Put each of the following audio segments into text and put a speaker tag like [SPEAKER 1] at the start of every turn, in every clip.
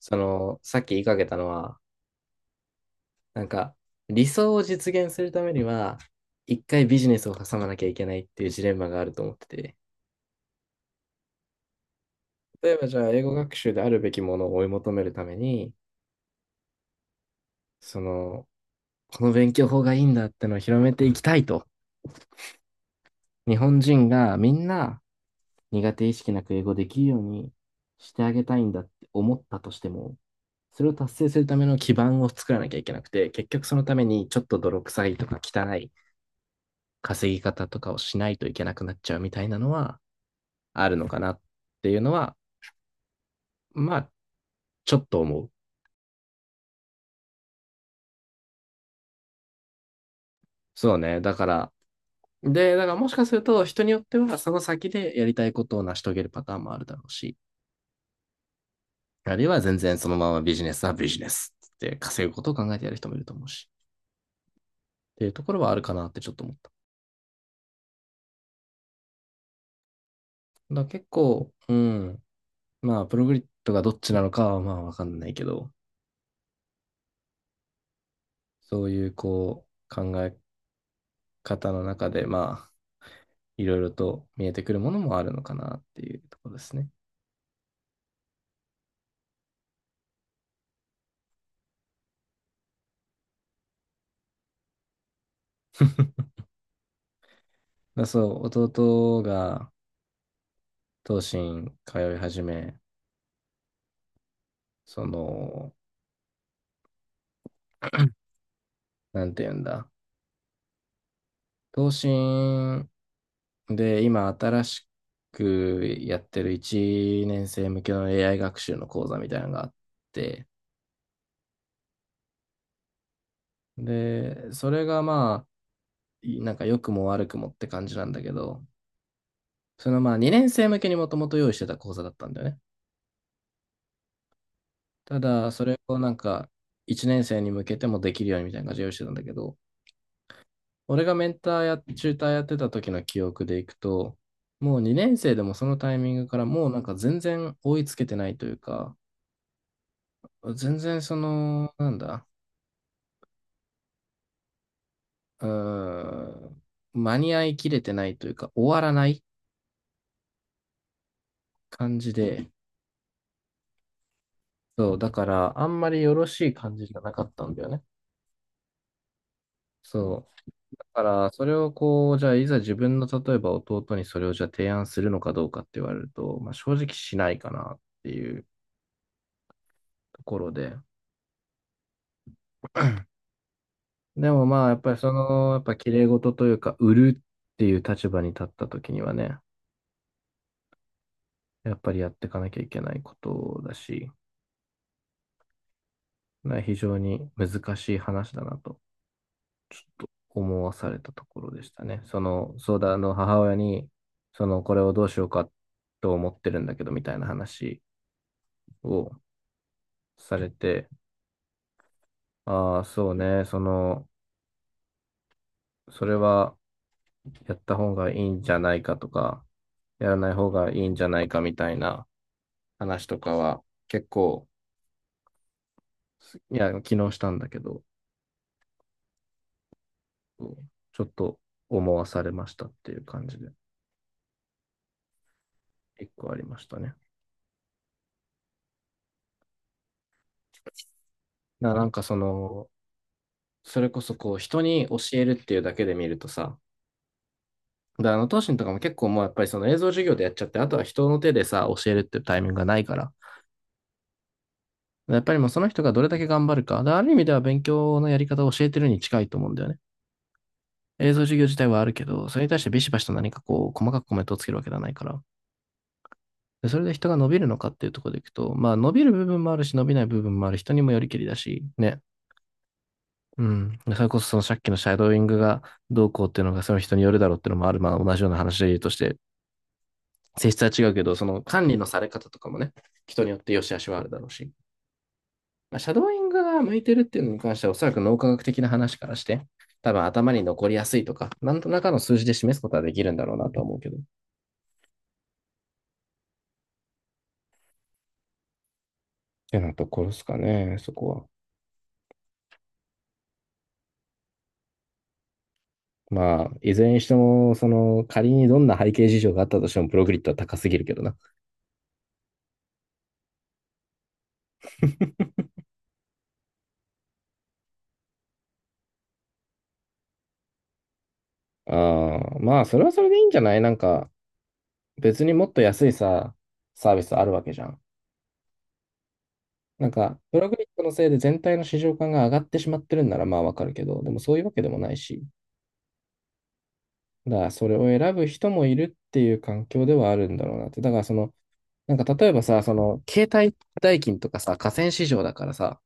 [SPEAKER 1] その、さっき言いかけたのは、なんか、理想を実現するためには、一回ビジネスを挟まなきゃいけないっていうジレンマがあると思ってて、例えばじゃあ、英語学習であるべきものを追い求めるために、その、この勉強法がいいんだってのを広めていきたいと、日本人がみんな苦手意識なく英語できるようにしてあげたいんだって思ったとしても、それを達成するための基盤を作らなきゃいけなくて、結局そのためにちょっと泥臭いとか汚い稼ぎ方とかをしないといけなくなっちゃうみたいなのはあるのかなっていうのは、まあ、ちょっと思う。そうね。だから、で、だからもしかすると人によってはその先でやりたいことを成し遂げるパターンもあるだろうし、あるいは全然そのままビジネスはビジネスって稼ぐことを考えてやる人もいると思うし、っていうところはあるかなってちょっと思った。だから結構、うん、まあ、プログリッドがどっちなのかはまあわかんないけど、そういうこう、考え方の中で、まあ、いろいろと見えてくるものもあるのかなっていうところですね。だそう、弟が東進通い始め、その、なんていうんだ、東進で今新しくやってる1年生向けの AI 学習の講座みたいなのがあって、で、それがまあ、なんか良くも悪くもって感じなんだけど、そのまあ2年生向けにもともと用意してた講座だったんだよね。ただ、それをなんか、一年生に向けてもできるようにみたいな感じで用意してたんだけど、俺がメンターや、チューターやってた時の記憶でいくと、もう2年生でもそのタイミングからもうなんか全然追いつけてないというか、全然その、なんだ、うーん、間に合いきれてないというか、終わらない感じで、そう、だからあんまりよろしい感じじゃなかったんだよね。そう。だから、それをこう、じゃあ、いざ自分の、例えば弟にそれをじゃあ提案するのかどうかって言われると、まあ、正直しないかなっていうところで。でもまあ、やっぱりその、やっぱ綺麗事というか、売るっていう立場に立った時にはね、やっぱりやっていかなきゃいけないことだし、まあ非常に難しい話だなと、ちょっと思わされたところでしたね。その、相談の母親に、その、これをどうしようかと思ってるんだけど、みたいな話を、されて、ああ、そうね、その、それはやった方がいいんじゃないかとか、やらない方がいいんじゃないかみたいな話とかは結構、いや、昨日したんだけど、ちょっと思わされましたっていう感じで、一個ありましたね。なんかその、それこそこう、人に教えるっていうだけで見るとさ、だからあの、東進とかも結構もうやっぱりその映像授業でやっちゃって、あとは人の手でさ、教えるっていうタイミングがないから、やっぱりもうその人がどれだけ頑張るか。だからある意味では勉強のやり方を教えてるに近いと思うんだよね。映像授業自体はあるけど、それに対してビシバシと何かこう、細かくコメントをつけるわけではないから。で、それで人が伸びるのかっていうところでいくと、まあ伸びる部分もあるし、伸びない部分もある人にもよりけりだし、ね。うん。それこそそのさっきのシャドーイングがどうこうっていうのがその人によるだろうっていうのもある。まあ同じような話で言うとして、性質は違うけど、その管理のされ方とかもね、人によって良し悪しはあるだろうし。まあ、シャドーイングが向いてるっていうのに関しては、おそらく脳科学的な話からして、多分頭に残りやすいとか、なんとなかの数字で示すことはできるんだろうなとは思うけど。ってなところですかね、そこは。まあ、いずれにしても、その、仮にどんな背景事情があったとしても、プログリッドは高すぎるけどな。ああ、まあ、それはそれでいいんじゃないなんか、別にもっと安いさ、サービスあるわけじゃん。なんか、プログリッドのせいで全体の市場感が上がってしまってるんなら、まあわかるけど、でもそういうわけでもないし、だからそれを選ぶ人もいるっていう環境ではあるんだろうなって。だからその、なんか例えばさ、その、携帯代金とかさ、河川市場だからさ、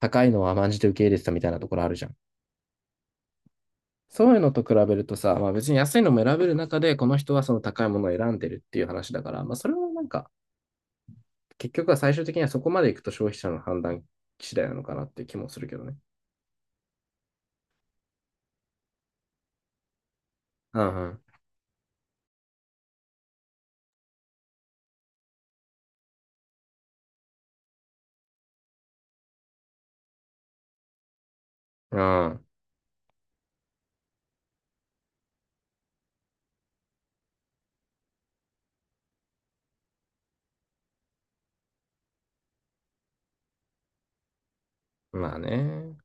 [SPEAKER 1] 高いのは甘んじて受け入れてたみたいなところあるじゃん。そういうのと比べるとさ、まあ別に安いのも選べる中で、この人はその高いものを選んでるっていう話だから、まあそれはなんか、結局は最終的にはそこまでいくと消費者の判断次第なのかなっていう気もするけどね。うんうん。うん。まあね。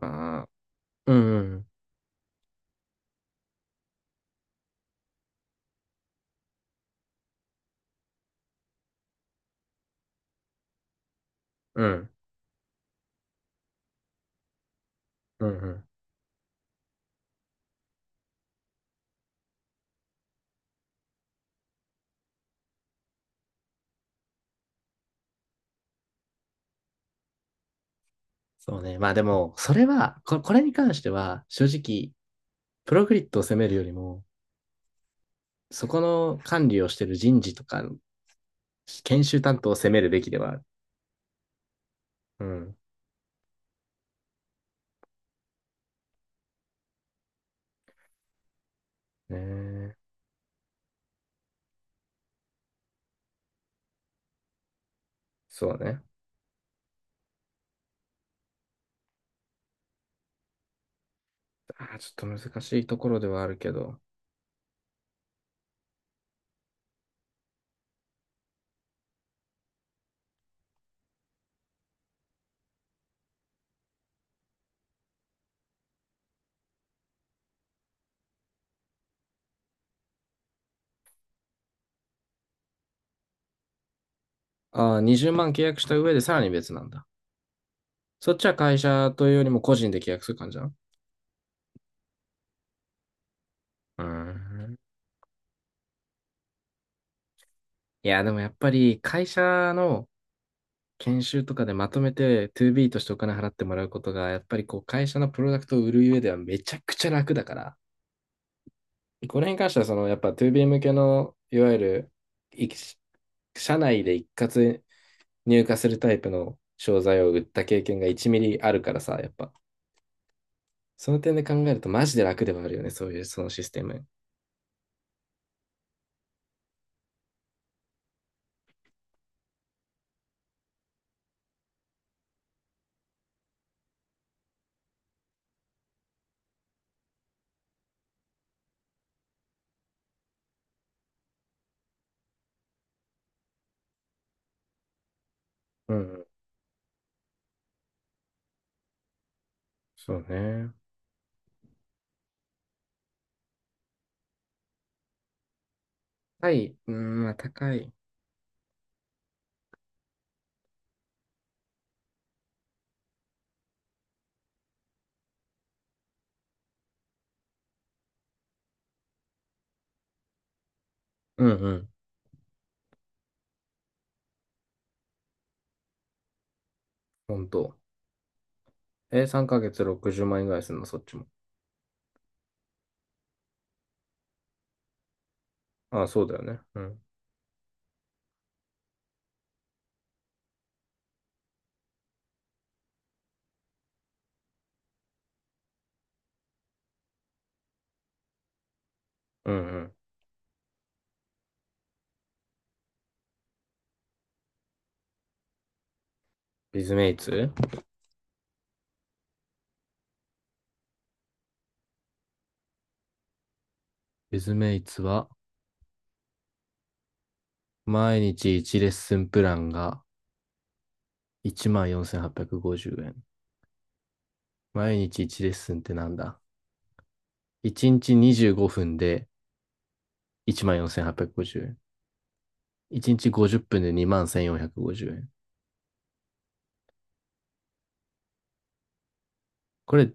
[SPEAKER 1] まあ。うんうん。うん。うんうん。そうね。まあでも、それは、これに関しては、正直、プログリッドを責めるよりも、そこの管理をしている人事とか、研修担当を責めるべきではある。うん。ねえ、そうね。あー、ちょっと難しいところではあるけど。ああ、20万契約した上でさらに別なんだ。そっちは会社というよりも個人で契約する感じなの、うーん。いや、でもやっぱり会社の研修とかでまとめて 2B としてお金払ってもらうことが、やっぱりこう会社のプロダクトを売る上ではめちゃくちゃ楽だから、これに関してはそのやっぱ 2B 向けの、いわゆるい社内で一括入荷するタイプの商材を売った経験が1ミリあるからさ、やっぱその点で考えるとマジで楽ではあるよね、そういうそのシステム。うん、そうね。はい、うん、まあ高い。うんうん、本当。え、3ヶ月60万円ぐらいするの、そっちも。ああ、そうだよね。うん。うんうん。ビズメイツビズメイツは、毎日1レッスンプランが14,850円。毎日1レッスンってなんだ？ 1 日25分で14,850円。1日50分で21,450円。これ、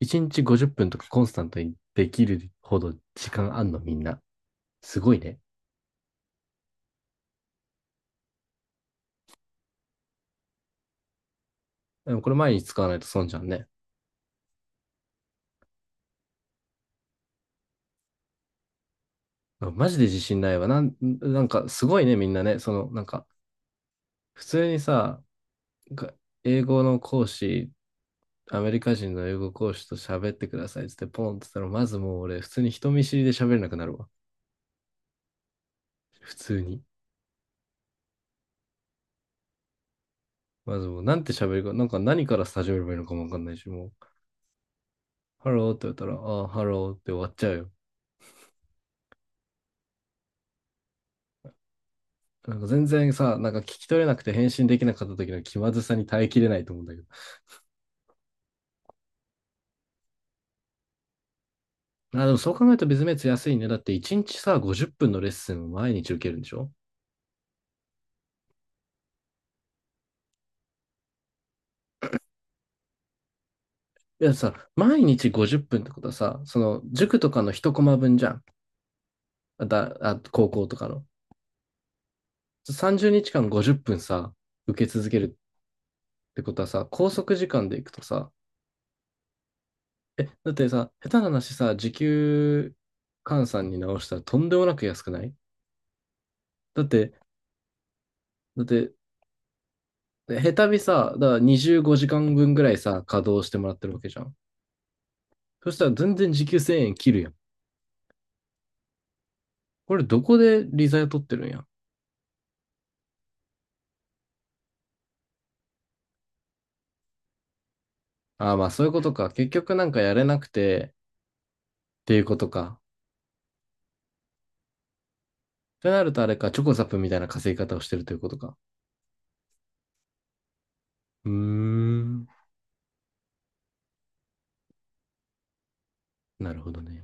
[SPEAKER 1] 1日50分とかコンスタントにできるほど時間あんのみんな。すごいね。でもこれ毎日使わないと損じゃんね。マジで自信ないわ。なんかすごいね、みんなね。その、なんか、普通にさ、英語の講師アメリカ人の英語講師と喋ってくださいっつってポンって言ったら、まずもう俺、普通に人見知りで喋れなくなるわ。普通に。まずもう、なんて喋るか、なんか何から始めればいいのかもわかんないし、もう、ハローって言ったら、あハローって終わっちゃうよ。なんか全然さ、なんか聞き取れなくて返信できなかった時の気まずさに耐えきれないと思うんだけど。あ、でもそう考えるとビズメイツ安いね。だって1日さ、50分のレッスンを毎日受けるんでしょ？いやさ、毎日50分っぷんってことはさ、その塾とかの1コマ分じゃん。高校とかの。30日間50分さ、受け続けるってことはさ、拘束時間でいくとさ、え、だってさ、下手な話さ、時給換算に直したらとんでもなく安くない？だって、だって、下手にさ、だから25時間分ぐらいさ、稼働してもらってるわけじゃん。そしたら全然時給1000円切るやん。これどこで利ザヤ取ってるんや。ああ、まあそういうことか。結局なんかやれなくてっていうことか。ってなるとあれか、チョコザップみたいな稼ぎ方をしてるということか。うーん。なるほどね。